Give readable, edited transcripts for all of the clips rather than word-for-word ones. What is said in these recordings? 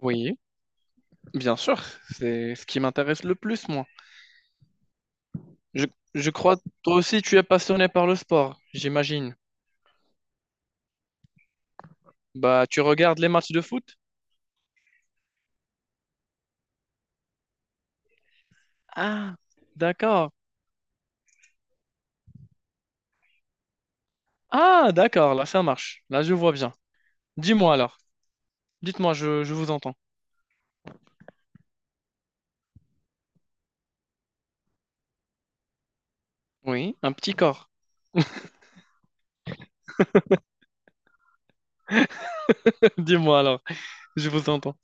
Oui, bien sûr, c'est ce qui m'intéresse le plus, moi. Je, je crois, toi aussi, tu es passionné par le sport, j'imagine. Bah, tu regardes les matchs de foot? Ah, d'accord. Ah, d'accord, là, ça marche. Là, je vois bien. Dis-moi alors. Dites-moi, je vous entends. Oui, un petit corps. Dis-moi alors, je vous entends.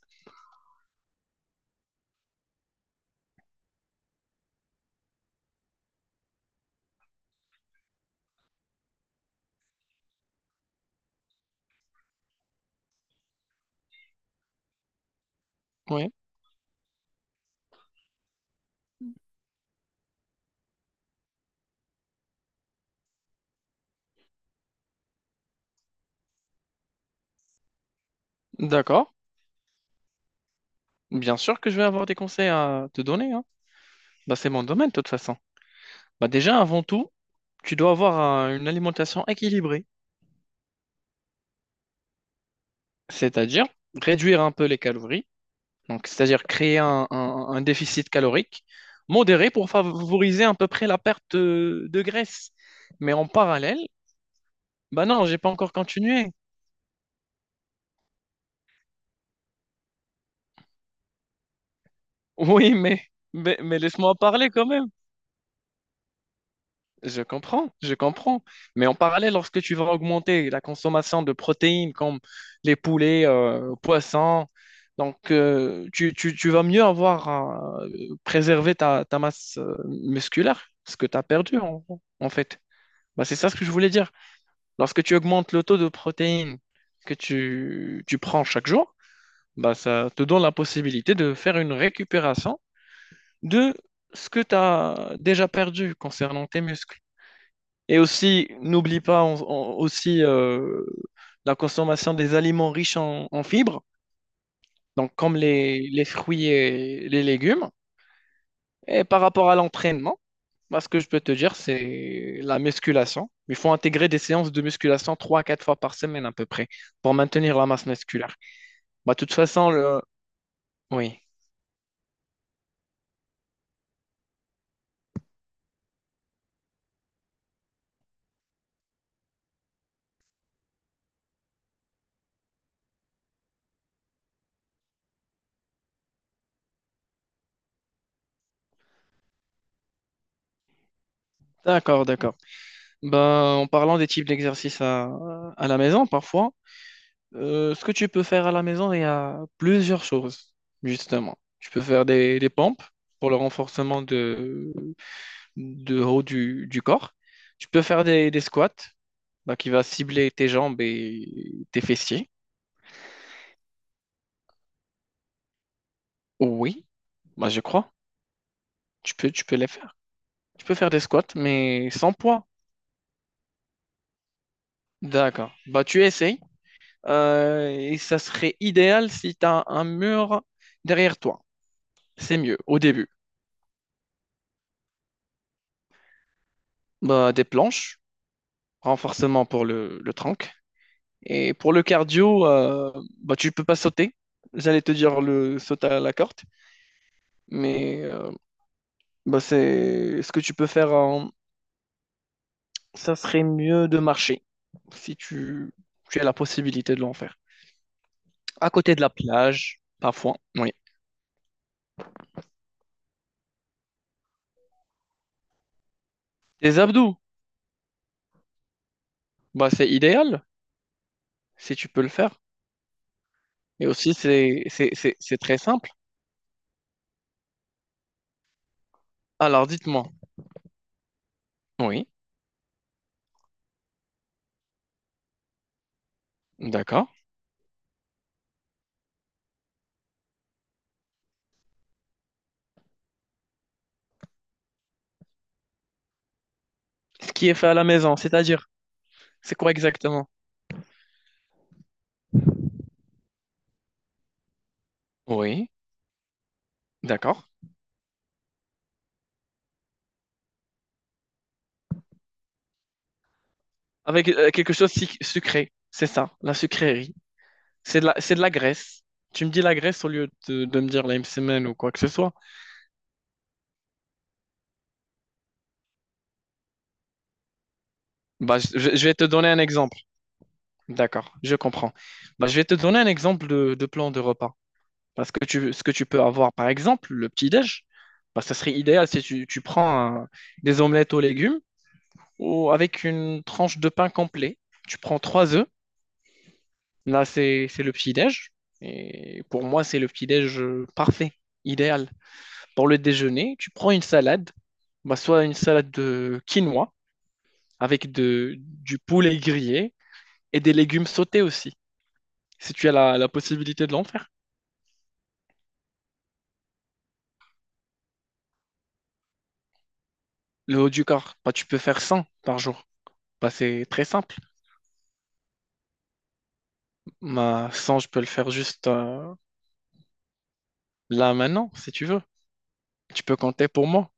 Oui, d'accord. Bien sûr que je vais avoir des conseils à te donner, hein. Bah, c'est mon domaine, de toute façon. Bah, déjà, avant tout, tu dois avoir une alimentation équilibrée, c'est-à-dire réduire un peu les calories. Donc, c'est-à-dire créer un déficit calorique modéré pour favoriser à peu près la perte de graisse. Mais en parallèle, bah non, j'ai pas encore continué. Oui, mais laisse-moi parler quand même. Je comprends, je comprends. Mais en parallèle, lorsque tu vas augmenter la consommation de protéines comme les poulets, poissons, donc tu vas mieux avoir préservé ta masse musculaire, ce que tu as perdu en fait. Bah, c'est ça ce que je voulais dire. Lorsque tu augmentes le taux de protéines que tu prends chaque jour, bah, ça te donne la possibilité de faire une récupération de ce que tu as déjà perdu concernant tes muscles. Et aussi, n'oublie pas aussi la consommation des aliments riches en fibres, donc comme les fruits et les légumes. Et par rapport à l'entraînement, moi, ce que je peux te dire, c'est la musculation. Il faut intégrer des séances de musculation trois à quatre fois par semaine à peu près pour maintenir la masse musculaire. Bah, de toute façon, le... Oui, d'accord, d'accord. Ben en parlant des types d'exercices à la maison, parfois, ce que tu peux faire à la maison, il y a plusieurs choses, justement. Tu peux faire des pompes pour le renforcement de haut du corps. Tu peux faire des squats, bah, qui va cibler tes jambes et tes fessiers. Oui. Bah, je crois. Tu peux les faire. Tu peux faire des squats, mais sans poids. D'accord. Bah, tu essayes. Et ça serait idéal si tu as un mur derrière toi. C'est mieux au début. Bah, des planches, renforcement pour le trunk. Et pour le cardio, bah, tu peux pas sauter. J'allais te dire le saut à la corde, mais bah, c'est ce que tu peux faire. Ça serait mieux de marcher si tu as la possibilité de l'en faire, à côté de la plage, parfois, oui. Des abdos, bah, c'est idéal si tu peux le faire. Et aussi, c'est très simple. Alors, dites-moi. Oui, d'accord. Ce qui est fait à la maison, c'est-à-dire, c'est quoi exactement? Oui, d'accord. Avec quelque chose sucré, c'est ça, la sucrerie. C'est de la graisse. Tu me dis la graisse au lieu de me dire la semaine ou quoi que ce soit. Bah, je vais te donner un exemple. D'accord, je comprends. Bah, je vais te donner un exemple de plan de repas. Ce que tu peux avoir, par exemple, le petit-déj, bah, ça serait idéal si tu prends des omelettes aux légumes ou avec une tranche de pain complet. Tu prends trois œufs. Là, c'est le petit-déj. Et pour moi, c'est le petit-déj parfait, idéal. Pour le déjeuner, tu prends une salade, bah, soit une salade de quinoa avec du poulet grillé et des légumes sautés aussi, si tu as la possibilité de l'en faire. Le haut du corps, bah, tu peux faire 100 par jour. Bah, c'est très simple. Ma sans, je peux le faire juste là maintenant, si tu veux. Tu peux compter pour moi.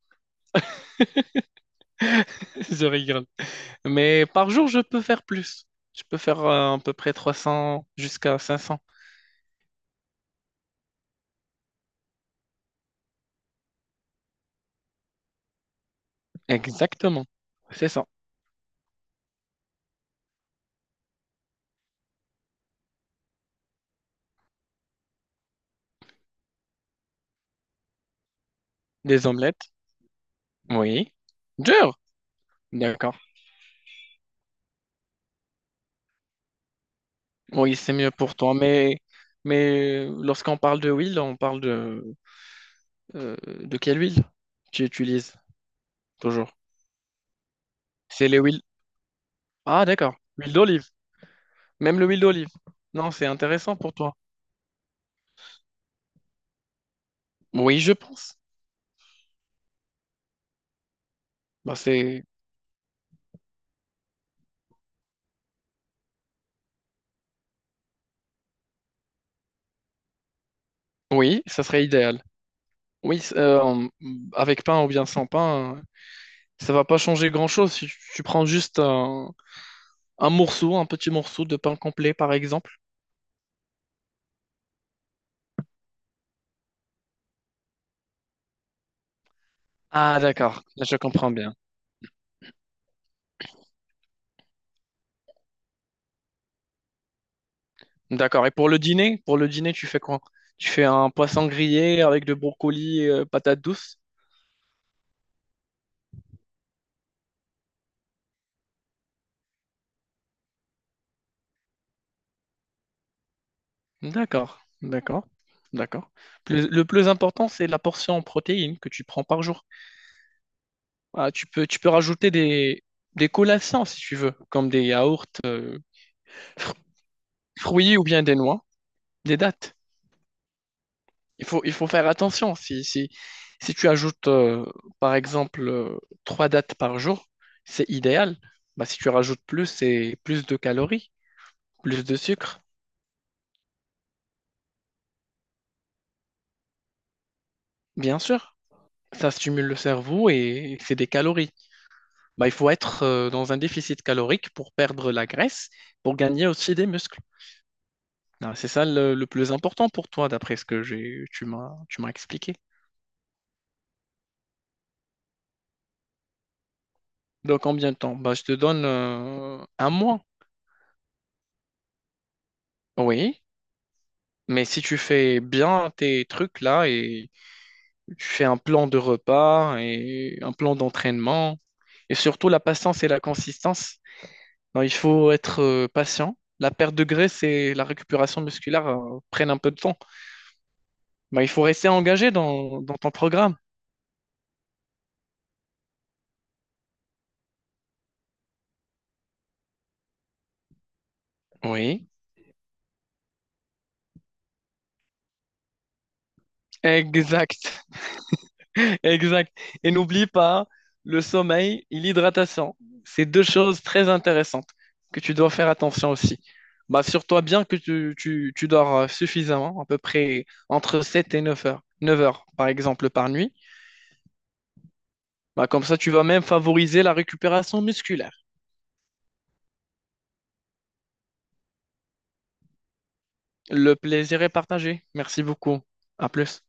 Je rigole. Mais par jour, je peux faire plus. Je peux faire à peu près 300 jusqu'à 500. Exactement. C'est ça. Des omelettes. Oui. Dur. D'accord. Oui, c'est mieux pour toi. Mais lorsqu'on parle de huile, on parle de quelle huile tu utilises toujours? C'est les huiles. Ah, d'accord. Huile d'olive. Même le huile d'olive. Non, c'est intéressant pour toi. Oui, je pense. Bah, c'est... Oui, ça serait idéal. Oui, avec pain ou bien sans pain, ça va pas changer grand-chose. Si tu prends juste un morceau, un petit morceau de pain complet, par exemple. Ah, d'accord. Là, je comprends bien. D'accord. Et pour le dîner, tu fais quoi? Tu fais un poisson grillé avec de brocoli, et patates douces? D'accord. D'accord. D'accord. Le plus important, c'est la portion en protéines que tu prends par jour. Voilà, tu peux rajouter des collations si tu veux, comme des yaourts, fr- fruits ou bien des noix, des dattes. Il faut faire attention. Si tu ajoutes, par exemple, trois dattes par jour, c'est idéal. Bah, si tu rajoutes plus, c'est plus de calories, plus de sucre, bien sûr. Ça stimule le cerveau et c'est des calories. Bah, il faut être dans un déficit calorique pour perdre la graisse, pour gagner aussi des muscles. Ah, c'est ça le plus important pour toi, d'après ce que tu m'as expliqué. Donc, combien de temps? Bah, je te donne un mois. Oui, mais si tu fais bien tes trucs là et tu fais un plan de repas et un plan d'entraînement et surtout la patience et la consistance. Non, il faut être patient. La perte de graisse et la récupération musculaire prennent un peu de temps. Bah, il faut rester engagé dans ton programme. Oui, exact. Exact. Et n'oublie pas, le sommeil et l'hydratation, c'est deux choses très intéressantes que tu dois faire attention aussi. Bah, assure-toi bien que tu dors suffisamment, à peu près entre 7 et 9 heures. 9 heures, par exemple, par nuit. Bah, comme ça, tu vas même favoriser la récupération musculaire. Le plaisir est partagé. Merci beaucoup. À plus.